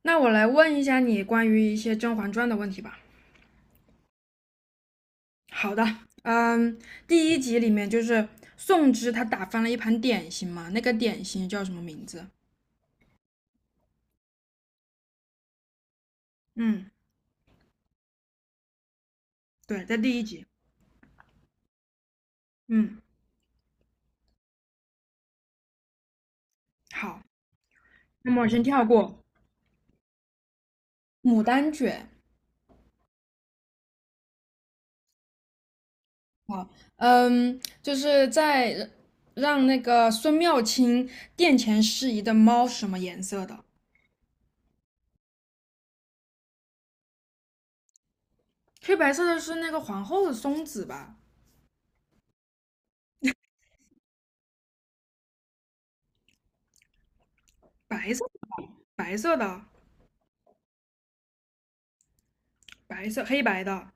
那我来问一下你关于一些《甄嬛传》的问题吧。好的。嗯，第一集里面就是宋芝她打翻了一盘点心嘛，那个点心叫什么名字？嗯。对，在第一集。嗯，好。那么我先跳过牡丹卷。好。就是在让那个孙妙清殿前适宜的猫是什么颜色的？黑白色的是那个皇后的松子吧？白色，白色的，白色黑白的啊，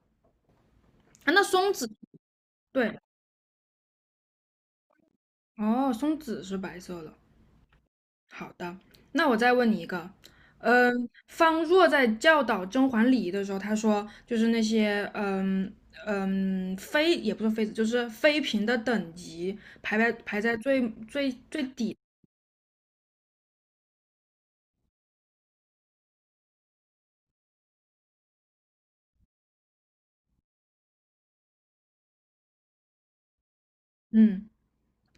那松子对。哦，松子是白色的。好的，那我再问你一个。方若在教导甄嬛礼仪的时候，他说就是那些妃也不是妃子，就是妃嫔的等级排在最底。嗯，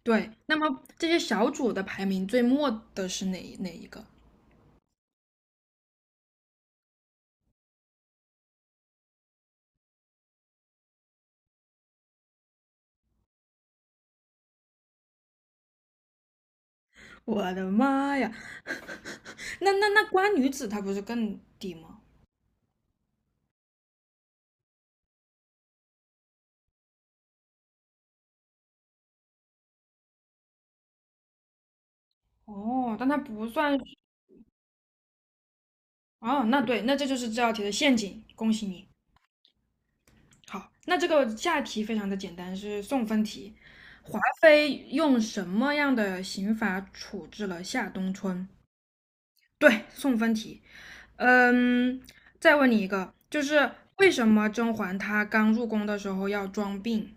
对。那么这些小主的排名最末的是哪一个？我的妈呀！那官女子她不是更低吗？哦，但她不算。哦，那对，那这就是这道题的陷阱，恭喜你。好，那这个下题非常的简单，是送分题。华妃用什么样的刑罚处置了夏冬春？对，送分题。嗯，再问你一个，就是为什么甄嬛她刚入宫的时候要装病？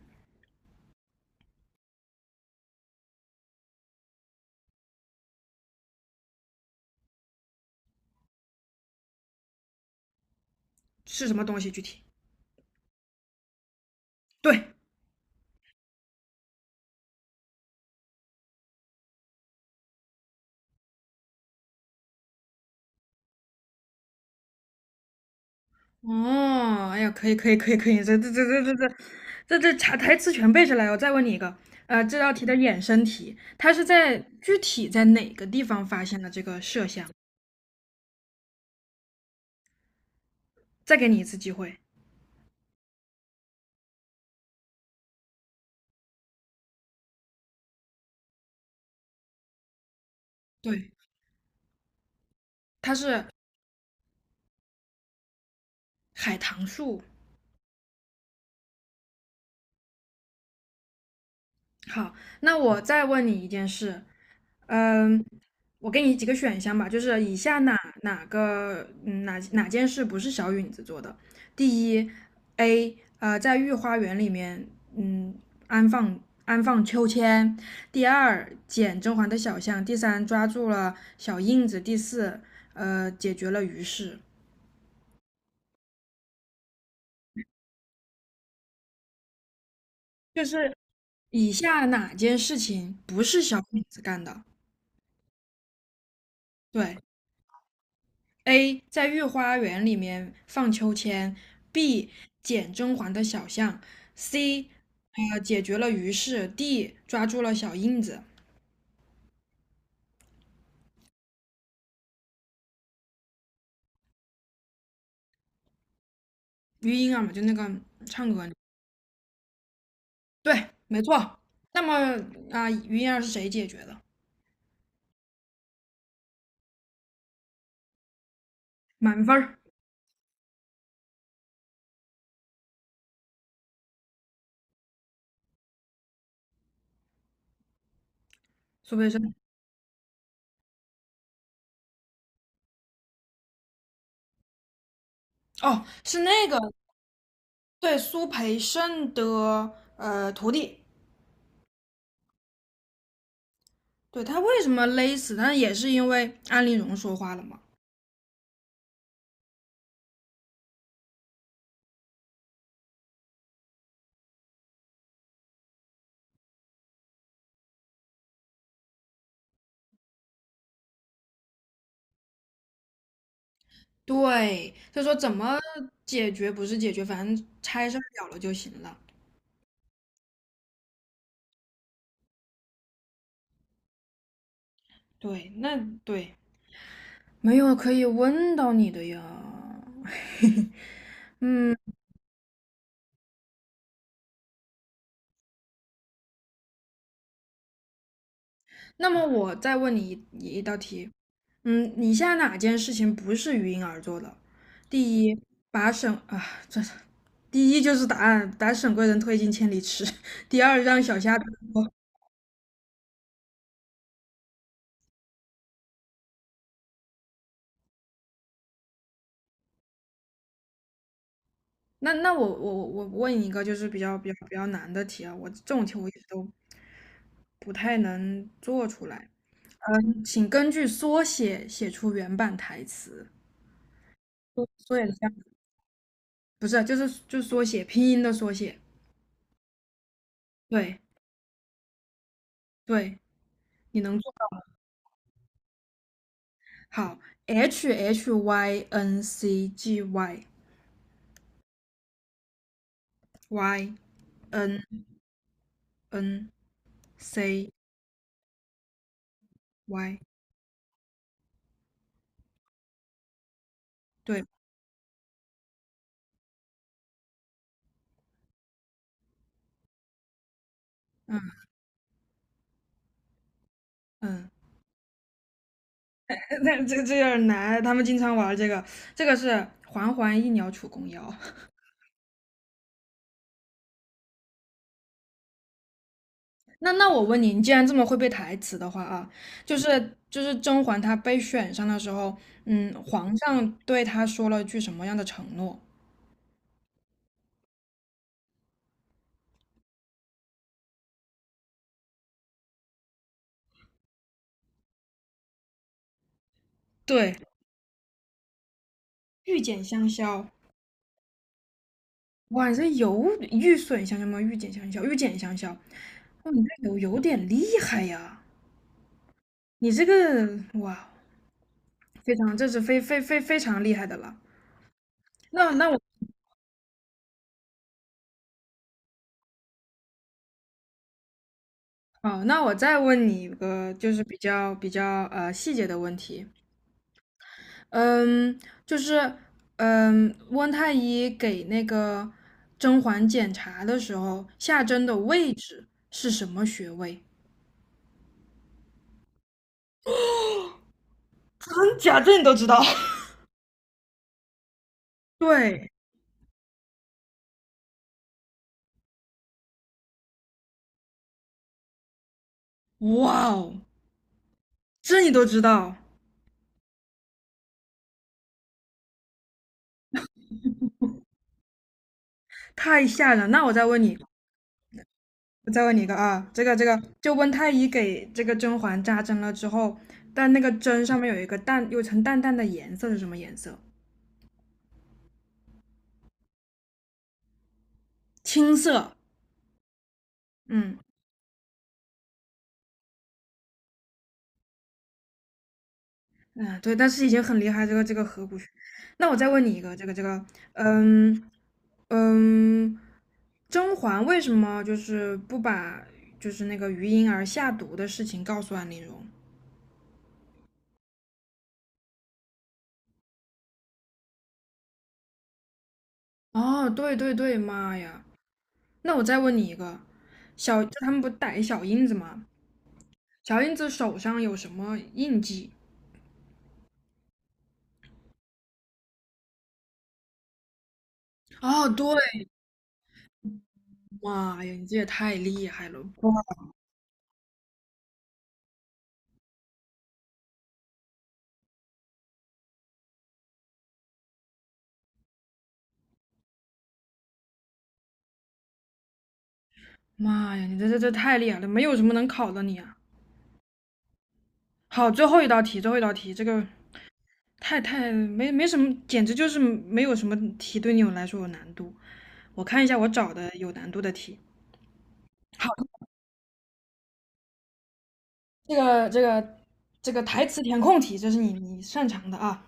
是什么东西？具体？对。哦，哎呀，可以可以可以可以，这查台词全背下来。我再问你一个，这道题的衍生题，它是在具体在哪个地方发现的这个麝香？再给你一次机会。对，它是海棠树。好，那我再问你一件事。嗯，我给你几个选项吧，就是以下哪个哪件事不是小允子做的？第一，A， 在御花园里面嗯安放安放秋千；第二，捡甄嬛的小象；第三，抓住了小印子；第四，解决了于氏。就是以下哪件事情不是小允子干的？对。A 在御花园里面放秋千，B 捡甄嬛的小象，C 解决了于氏， D 抓住了小印子。余莺儿嘛，就那个唱歌对，没错。那么啊，余莺儿是谁解决的？满分儿，苏培盛。哦，是那个对苏培盛的徒弟。对他为什么勒死？那也是因为安陵容说话了嘛。对，所说怎么解决不是解决，反正拆事儿了就行了。对，那对，没有可以问到你的呀。那么我再问你一道题。以下哪件事情不是鱼鹰而做的？第一，把沈啊，这第一就是答案，把沈贵人推进千里池。第二，让小虾，那我问你一个就是比较难的题啊，我这种题我一直都不太能做出来。请根据缩写写出原版台词。缩写的不是啊，就是缩写拼音的缩写。对对，你能做好。H H Y N C G Y Y N N C Y。对，嗯嗯，那这有点难。他们经常玩这个，这个是环环一鸟楚公腰。那我问你，你既然这么会背台词的话啊，就是甄嬛她被选上的时候。皇上对她说了句什么样的承诺？对，玉简香消。哇，你这有玉损香消吗？玉简香消，玉简香消。哇，你这有点厉害呀！你这个哇，非常，这是非常厉害的了。那那我哦，那我再问你一个，就是比较细节的问题。嗯，就是温太医给那个甄嬛检查的时候，下针的位置是什么穴位？真假这你都知道？对，哇哦，这你都知道。太吓人了，那我再问你，我再问你一个啊，这个，就温太医给这个甄嬛扎针了之后，但那个针上面有一个淡，有一层淡淡的颜色是什么颜色？青色。嗯，嗯，对，但是已经很厉害，这个河谷学。那我再问你一个，这个，嗯嗯，甄嬛为什么就是不把就是那个余莺儿下毒的事情告诉安陵容？哦，对对对，妈呀！那我再问你一个，就他们不逮小印子吗？小印子手上有什么印记？哦，对，妈呀，你这也太厉害了！妈呀，你这太厉害了，没有什么能考的你啊！好，最后一道题，最后一道题，这个。太没什么，简直就是没有什么题对你们来说有难度。我看一下我找的有难度的题。好，这个台词填空题，这是你擅长的啊。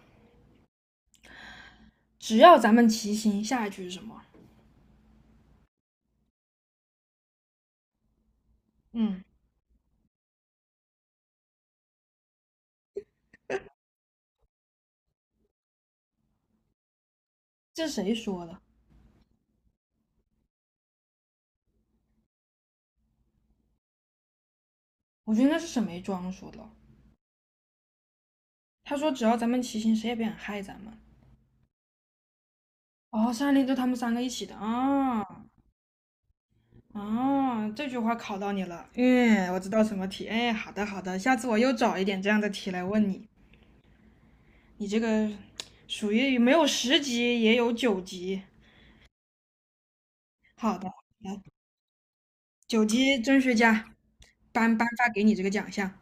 只要咱们齐心，下一句是什么？嗯，这是谁说的？我觉得应该是沈眉庄说的。他说只要咱们齐心，谁也别想害咱们。哦，山林就他们三个一起的啊啊！这句话考到你了。嗯，我知道什么题。哎，好的好的，下次我又找一点这样的题来问你。你这个属于没有十级也有九级。好的，好，九级甄学家颁发给你这个奖项。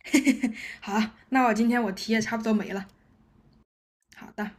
好，那我今天我题也差不多没了。好的。